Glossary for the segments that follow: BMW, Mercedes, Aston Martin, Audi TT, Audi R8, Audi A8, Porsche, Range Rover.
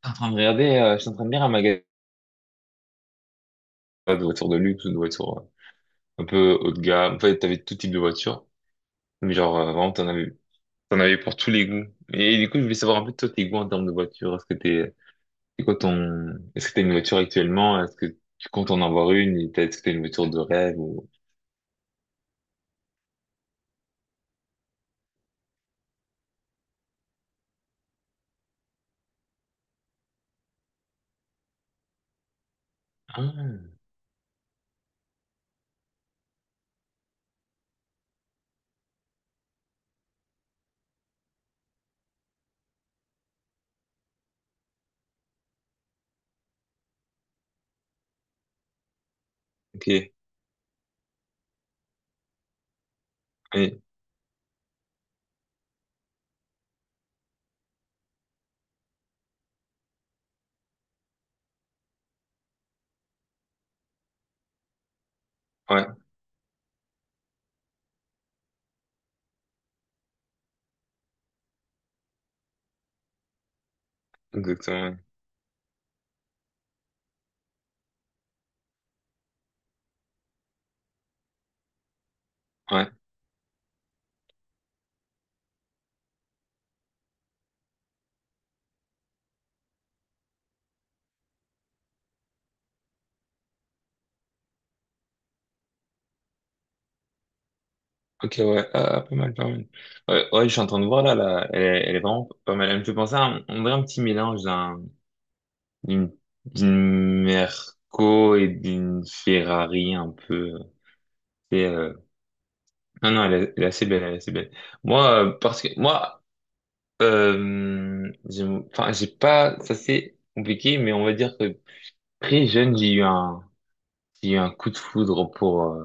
T'es en train de regarder, je suis en train de lire un magasin de voitures de luxe ou de voitures un peu haut de gamme. En fait, t'avais tout type de voiture. Mais genre, vraiment, t'en avais pour tous les goûts. Et, du coup, je voulais savoir un peu toi, tes goûts en termes de voiture. C'est est-ce que t'as une voiture actuellement? Est-ce que tu comptes en avoir une? Est-ce que t'as une voiture de rêve ou... Ah, ok. Oui. Ouais, exactement. Ouais. Ok, ouais. Ah, ah, pas mal, pas mal. Ouais, ouais, je suis en train de voir là. Elle est vraiment pas mal. Elle me fait penser à on dirait un petit mélange d'une d'une Merco et d'une Ferrari un peu. Et, non, non, elle est assez belle, elle est assez belle. Moi, parce que moi, euh, j'ai- enfin, j'ai pas, ça c'est compliqué, mais on va dire que très jeune, j'ai eu un coup de foudre pour, euh,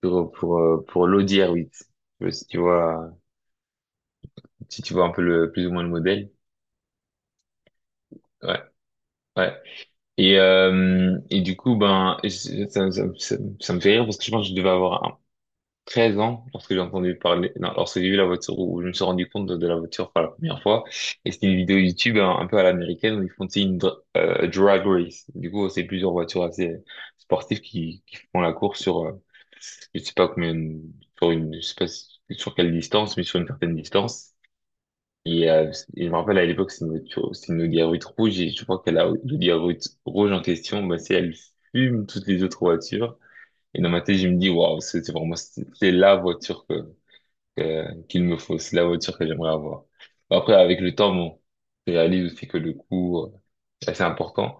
pour, pour, euh, pour l'Audi R8. Je sais pas si tu si tu vois un peu le, plus ou moins le modèle. Ouais, ouais. Et du coup, ben, ça me fait rire parce que je pense que je devais avoir 13 ans lorsque j'ai entendu parler, non, lorsque j'ai vu la voiture, où je me suis rendu compte de la voiture pour la première fois. Et c'était une vidéo YouTube un peu à l'américaine où ils font tu sais, drag race. Du coup, c'est plusieurs voitures assez sportives qui font la course sur, je sais pas combien, sur je sais pas si- sur quelle distance, mais sur une certaine distance. Et, euh, et je me rappelle à l'époque, c'est une Audi A8 rouge et je crois que la Audi A8 rouge en question, bah, c'est elle fume toutes les autres voitures. Et dans ma tête, je me dis, waouh, c'est vraiment, c'est la voiture que qu'il me faut. C'est la voiture que j'aimerais avoir. Après, avec le temps, bon, je réalise aussi que le coût, c'est assez important.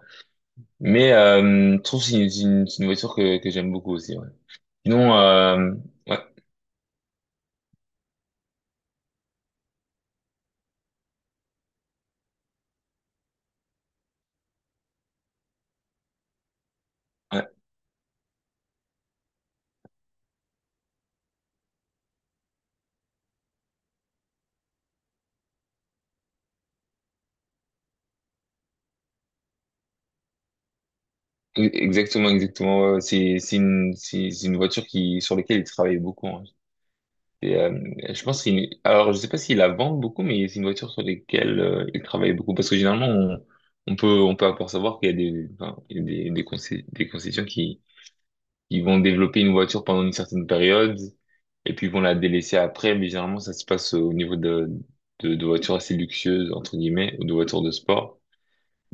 Mais je trouve que c'est une voiture que j'aime beaucoup aussi. Ouais. Sinon, ouais, ouais, exactement, exactement. Ouais, ouais, c'est c'est une voiture qui sur laquelle il travaille beaucoup, hein. Et, je pense qu'il, alors je sais pas s'il la vend beaucoup, mais c'est une voiture sur laquelle il travaille beaucoup parce que généralement on peut encore savoir qu'il y a des enfin, il y a des concessions qui ils vont développer une voiture pendant une certaine période et puis ils vont la délaisser après. Mais généralement, ça se passe au niveau de voitures assez luxueuses, entre guillemets, ou de voitures de sport.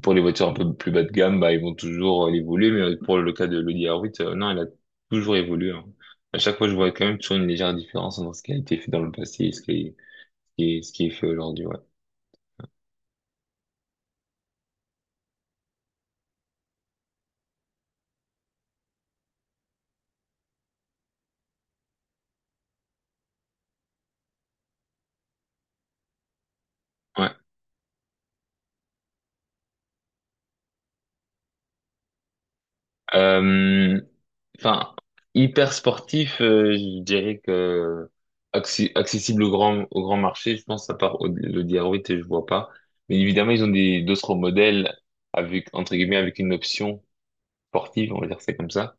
Pour les voitures un peu plus bas de gamme, bah, ils vont toujours l'évoluer. Mais pour le cas de l'Audi R8, non, elle a toujours évolué, hein. À chaque fois, je vois quand même toujours une légère différence entre ce qui a été fait dans le passé et ce qui est fait aujourd'hui. Ouais. Ouais. Euh, enfin, hyper sportif, je dirais que accessible au au grand marché, je pense, à part le Diaroit, je vois pas. Mais évidemment, ils ont des d'autres modèles avec, entre guillemets, avec une option sportive, on va dire c'est comme ça,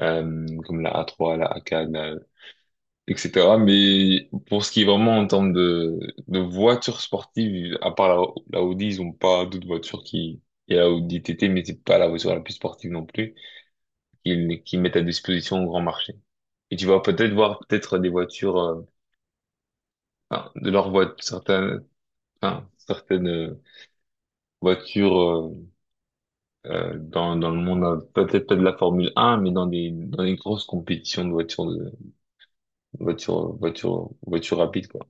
comme la A3, la AK, la- etc. Mais pour ce qui est vraiment en termes de voitures sportives, à part la Audi, ils ont pas d'autres voitures qui... Il y a la Audi TT, mais c'est pas la voiture la plus sportive non plus qu'ils mettent à disposition au grand marché. Et tu vas peut-être voir peut-être des voitures, enfin, de leurs voitures, certaines, enfin, certaines voitures dans, dans le monde, peut-être pas de la Formule 1, mais dans des grosses compétitions de voitures, voitures rapides, quoi.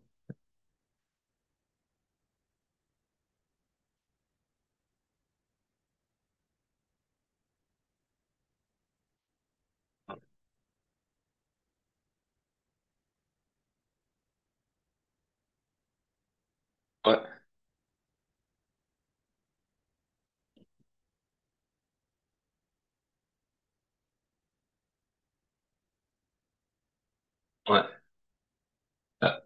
Ouais, ouais. Ah,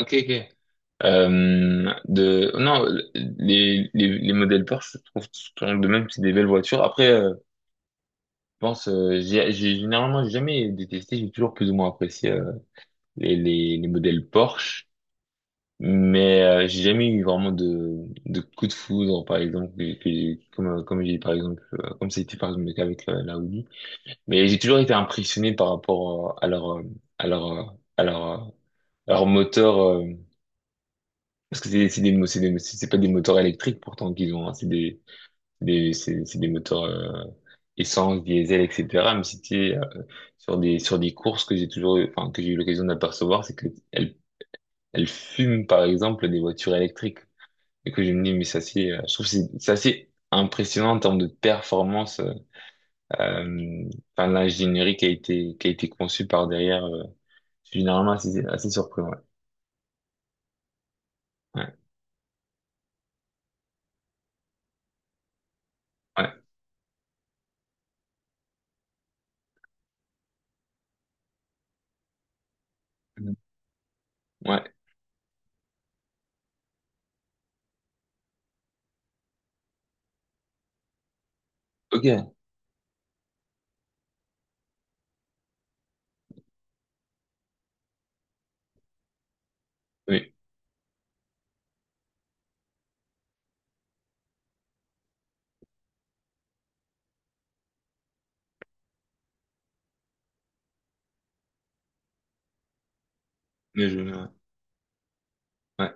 ok, ok. Non, les modèles Porsche, je trouve, sont de même, c'est des belles voitures. Après, je pense, généralement j'ai jamais détesté, j'ai toujours plus ou moins apprécié les modèles Porsche, mais j'ai jamais eu vraiment de coup de foudre, par exemple, comme, comme j'ai par exemple, comme c'était par exemple le cas avec la Audi. Mais j'ai toujours été impressionné par rapport à leur, à leur, à leur, leur moteur, parce que c'est des, mo- c'est des, c'est pas des moteurs électriques pourtant qu'ils ont, hein, c'est c'est des moteurs essence, diesel, etc. Mais c'était sur des courses que j'ai enfin, que j'ai eu l'occasion d'apercevoir, c'est que elle fume par exemple des voitures électriques. Et que je me dis, mais ça c'est, je trouve que c'est assez impressionnant en termes de performance, euh, enfin l'ingénierie qui a été conçue par derrière. Je suis généralement assez, assez surpris. Ouais, ouais, ouais, mhm, ouais. Ok. Oui, mais je, ouais.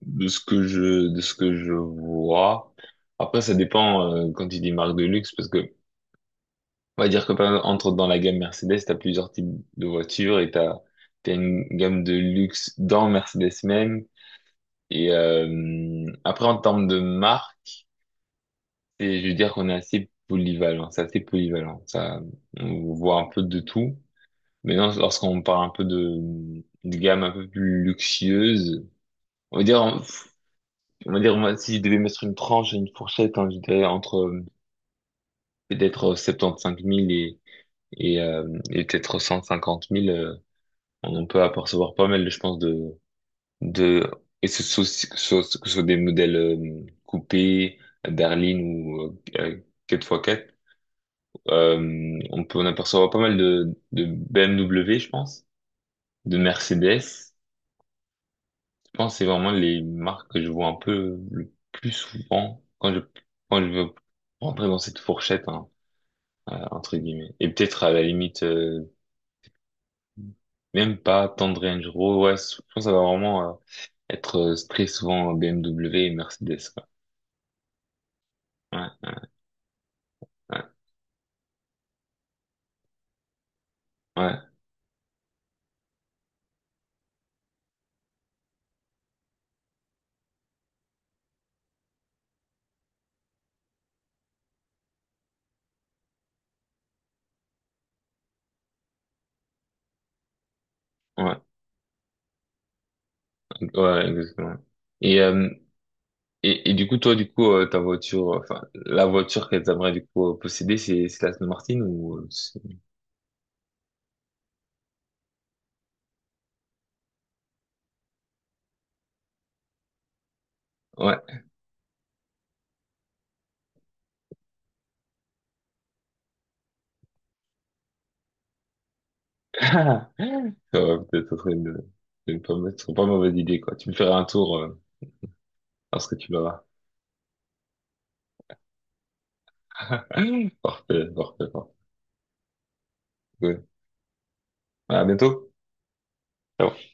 De ce que je de ce que je vois. Après, ça dépend quand il dit marque de luxe parce que on va dire que par exemple, entre dans la gamme Mercedes, t'as plusieurs types de voitures et t'as une gamme de luxe dans Mercedes même. Et après, en termes de marque, je veux dire qu'on est assez polyvalent. C'est assez polyvalent. Ça, on voit un peu de tout. Maintenant, lorsqu'on parle un peu de gamme un peu plus luxueuse, on va moi, si je devais mettre une tranche, et une fourchette, hein, je dirais entre peut-être 75 000 et et peut-être 150 000. On peut apercevoir pas mal, je pense, de, et soit, que ce soit des modèles coupés, berline ou 4x4, on peut en apercevoir pas mal de BMW, je pense, de Mercedes. Je pense que c'est vraiment les marques que je vois un peu le plus souvent quand je veux rentrer dans cette fourchette, hein, entre guillemets. Et peut-être à la limite même pas tendre Range Rover. Ouais, je pense que ça va vraiment être très souvent BMW et Mercedes, quoi. Ouais, ouais, ouais, ouais, ouais, exactement. Et, et du coup, toi, du coup, ta voiture, enfin, la voiture qu'elle t'aimerait du coup posséder, c'est la Aston Martin ou... Ouais. Ça va peut-être être une pas mauvaise idée, quoi. Tu me feras un tour lorsque tu vas là. Parfait, parfait, parfait. Ouais. À bientôt. Ciao.